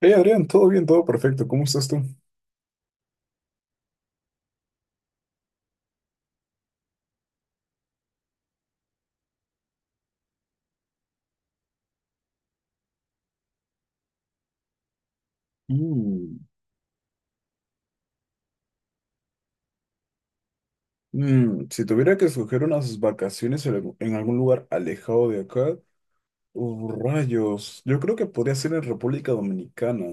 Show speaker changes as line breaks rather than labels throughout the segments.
Hey Adrián, todo bien, todo perfecto. ¿Cómo estás tú? Mm. Si tuviera que escoger unas vacaciones en en algún lugar alejado de acá, rayos, yo creo que podría ser en República Dominicana.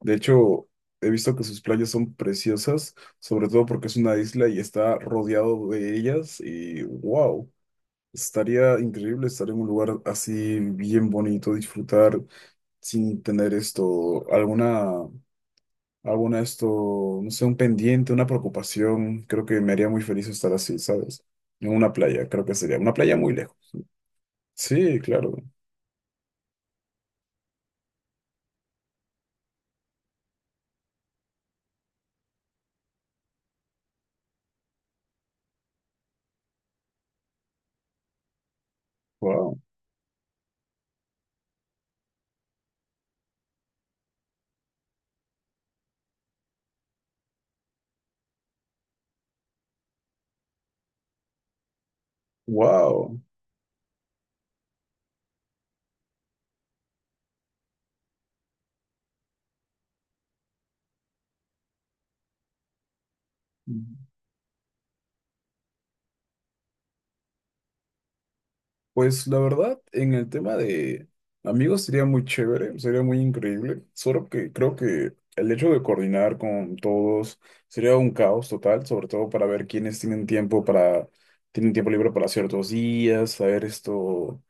De hecho, he visto que sus playas son preciosas, sobre todo porque es una isla y está rodeado de ellas, y wow, estaría increíble estar en un lugar así bien bonito, disfrutar sin tener esto, alguna... Hago esto, no sé, un pendiente, una preocupación. Creo que me haría muy feliz estar así, ¿sabes? En una playa, creo que sería una playa muy lejos. Sí, claro. Wow. Wow. Pues la verdad, en el tema de amigos sería muy chévere, sería muy increíble, solo que creo que el hecho de coordinar con todos sería un caos total, sobre todo para ver quiénes tienen tiempo para, tienen tiempo libre para ciertos días, saber esto,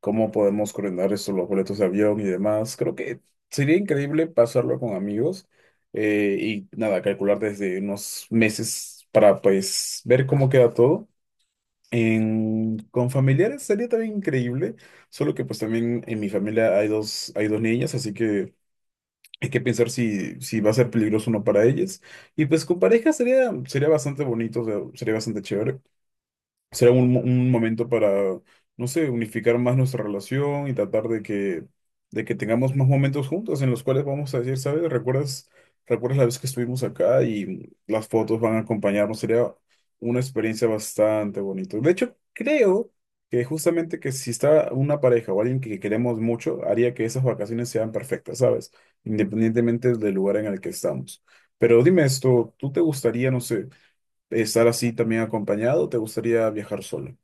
cómo podemos coordinar esto, los boletos de avión y demás. Creo que sería increíble pasarlo con amigos, y nada, calcular desde unos meses para pues ver cómo queda todo. En- con familiares sería también increíble, solo que pues también en mi familia hay dos, niñas, así que hay que pensar si, si va a ser peligroso o no para ellas. Y pues con pareja sería bastante bonito, o sea, sería bastante chévere, será un, un momento para, no sé, unificar más nuestra relación y tratar de que tengamos más momentos juntos en los cuales vamos a decir, ¿sabes? recuerdas la vez que estuvimos acá y las fotos van a acompañarnos? Sería una experiencia bastante bonita. De hecho, creo que justamente que si está una pareja o alguien que queremos mucho, haría que esas vacaciones sean perfectas, ¿sabes? Independientemente del lugar en el que estamos. Pero dime esto, ¿tú te gustaría, no sé, estar así también acompañado, te gustaría viajar solo?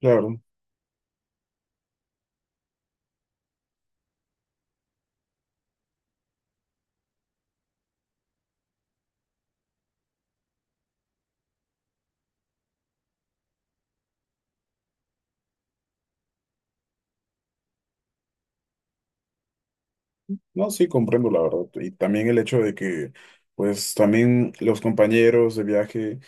Claro, no, sí, comprendo la verdad. Y también el hecho de que, pues, también los compañeros de viaje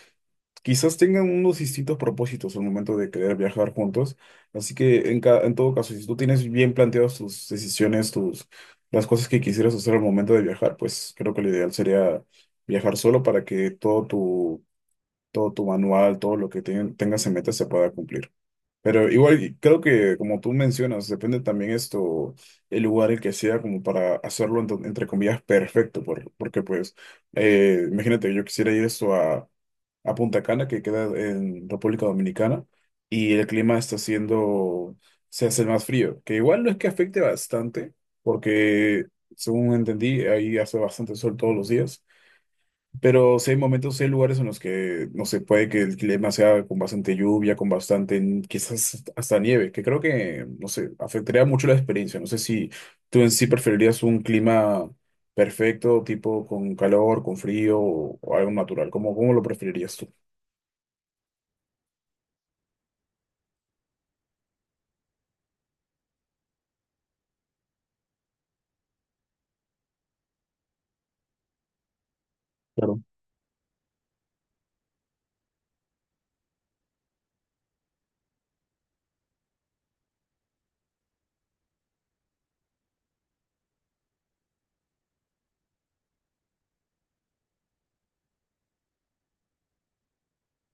quizás tengan unos distintos propósitos al momento de querer viajar juntos. Así que, en todo caso, si tú tienes bien planteadas tus decisiones, tus, las cosas que quisieras hacer al momento de viajar, pues creo que lo ideal sería viajar solo para que todo tu, manual, todo lo que tengas en mente se pueda cumplir. Pero igual creo que como tú mencionas, depende también esto, el lugar el que sea como para hacerlo entre comillas perfecto, porque pues imagínate, yo quisiera ir esto a Punta Cana, que queda en República Dominicana, y el clima está siendo, se hace más frío, que igual no es que afecte bastante, porque según entendí, ahí hace bastante sol todos los días. Pero sí hay momentos, sí hay lugares en los que, no sé, puede que el clima sea con bastante lluvia, con bastante, quizás hasta nieve, que creo que, no sé, afectaría mucho la experiencia. No sé si tú en sí preferirías un clima perfecto, tipo con calor, con frío, o algo natural. cómo, lo preferirías tú? Claro,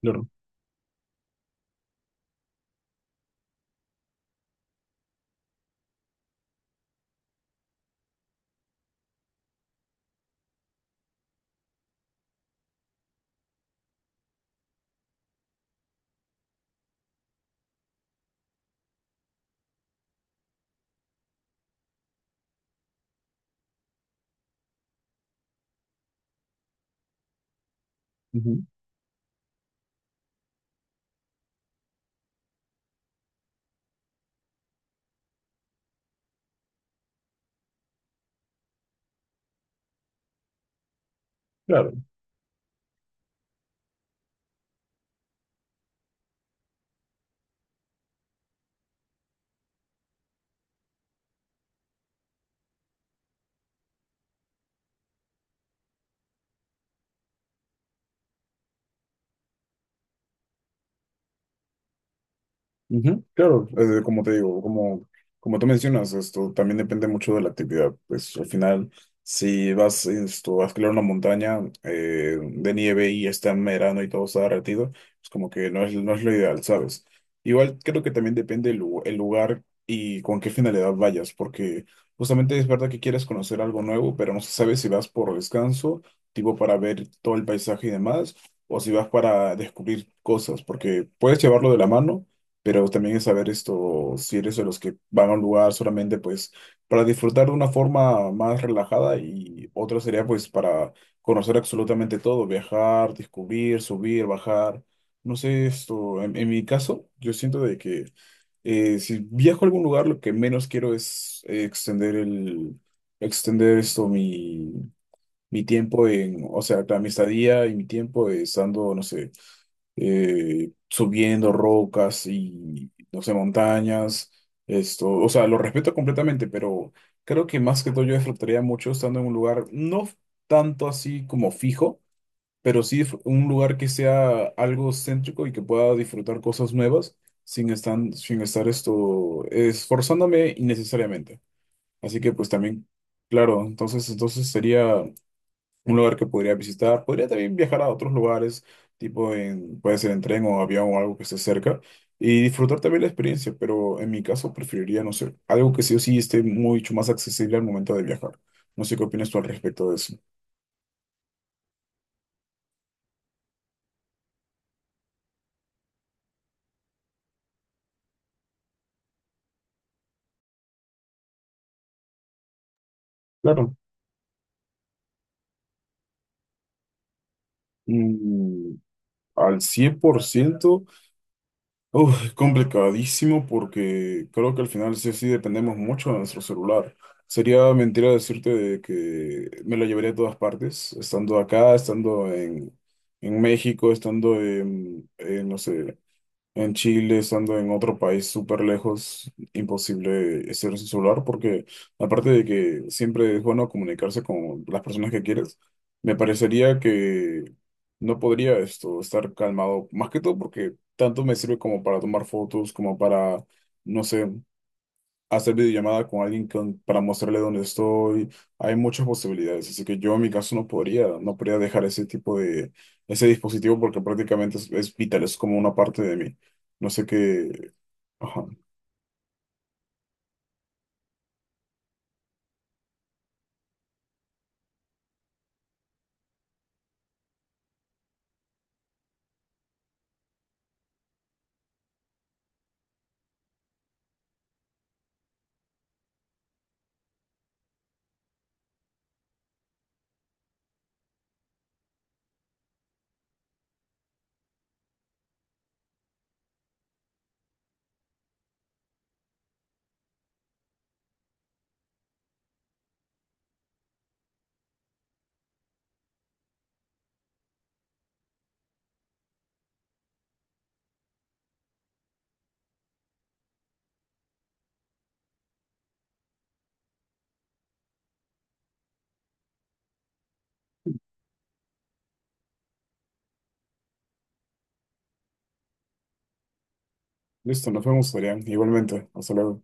claro. Ujú. Claro. Ujú, claro, como te digo, como tú mencionas, esto también depende mucho de la actividad. Pues al final, si vas esto, a escalar una montaña, de nieve, y está en verano y todo está derretido, pues como que no es lo ideal, ¿sabes? Igual creo que también depende el lugar y con qué finalidad vayas, porque justamente es verdad que quieres conocer algo nuevo, pero no se sabe si vas por descanso, tipo para ver todo el paisaje y demás, o si vas para descubrir cosas, porque puedes llevarlo de la mano, pero también es saber esto, si eres de los que van a un lugar solamente pues para disfrutar de una forma más relajada, y otra sería pues para conocer absolutamente todo, viajar, descubrir, subir, bajar. No sé, esto, en, mi caso, yo siento de que si viajo a algún lugar, lo que menos quiero es extender el, extender esto, mi tiempo en, o sea, claro, mi estadía y mi tiempo estando, no sé, subiendo rocas y, no sé, montañas, esto, o sea, lo respeto completamente, pero creo que más que todo yo disfrutaría mucho estando en un lugar, no tanto así como fijo, pero sí un lugar que sea algo céntrico y que pueda disfrutar cosas nuevas sin estar, esto esforzándome innecesariamente. Así que pues también, claro, entonces sería un lugar que podría visitar. Podría también viajar a otros lugares, tipo en, puede ser en tren o avión o algo que esté cerca, y disfrutar también la experiencia, pero en mi caso preferiría, no sé, algo que sí o sí esté mucho más accesible al momento de viajar. No sé qué opinas tú al respecto de eso. Claro. Mm, Al 100%. Uf, es complicadísimo porque creo que al final sí o sí dependemos mucho de nuestro celular. Sería mentira decirte de que me lo llevaría a todas partes, estando acá, estando en, México, estando en, no sé. En Chile, estando en otro país súper lejos, imposible ser su celular, porque aparte de que siempre es bueno comunicarse con las personas que quieres, me parecería que no podría esto estar calmado, más que todo porque tanto me sirve como para tomar fotos, como para, no sé, hacer videollamada con alguien para mostrarle dónde estoy. Hay muchas posibilidades, así que yo en mi caso no podría, dejar ese tipo de, ese dispositivo porque prácticamente es vital, es como una parte de mí. No sé qué. Ajá. Listo, nos vemos, Adrián. Igualmente, hasta luego.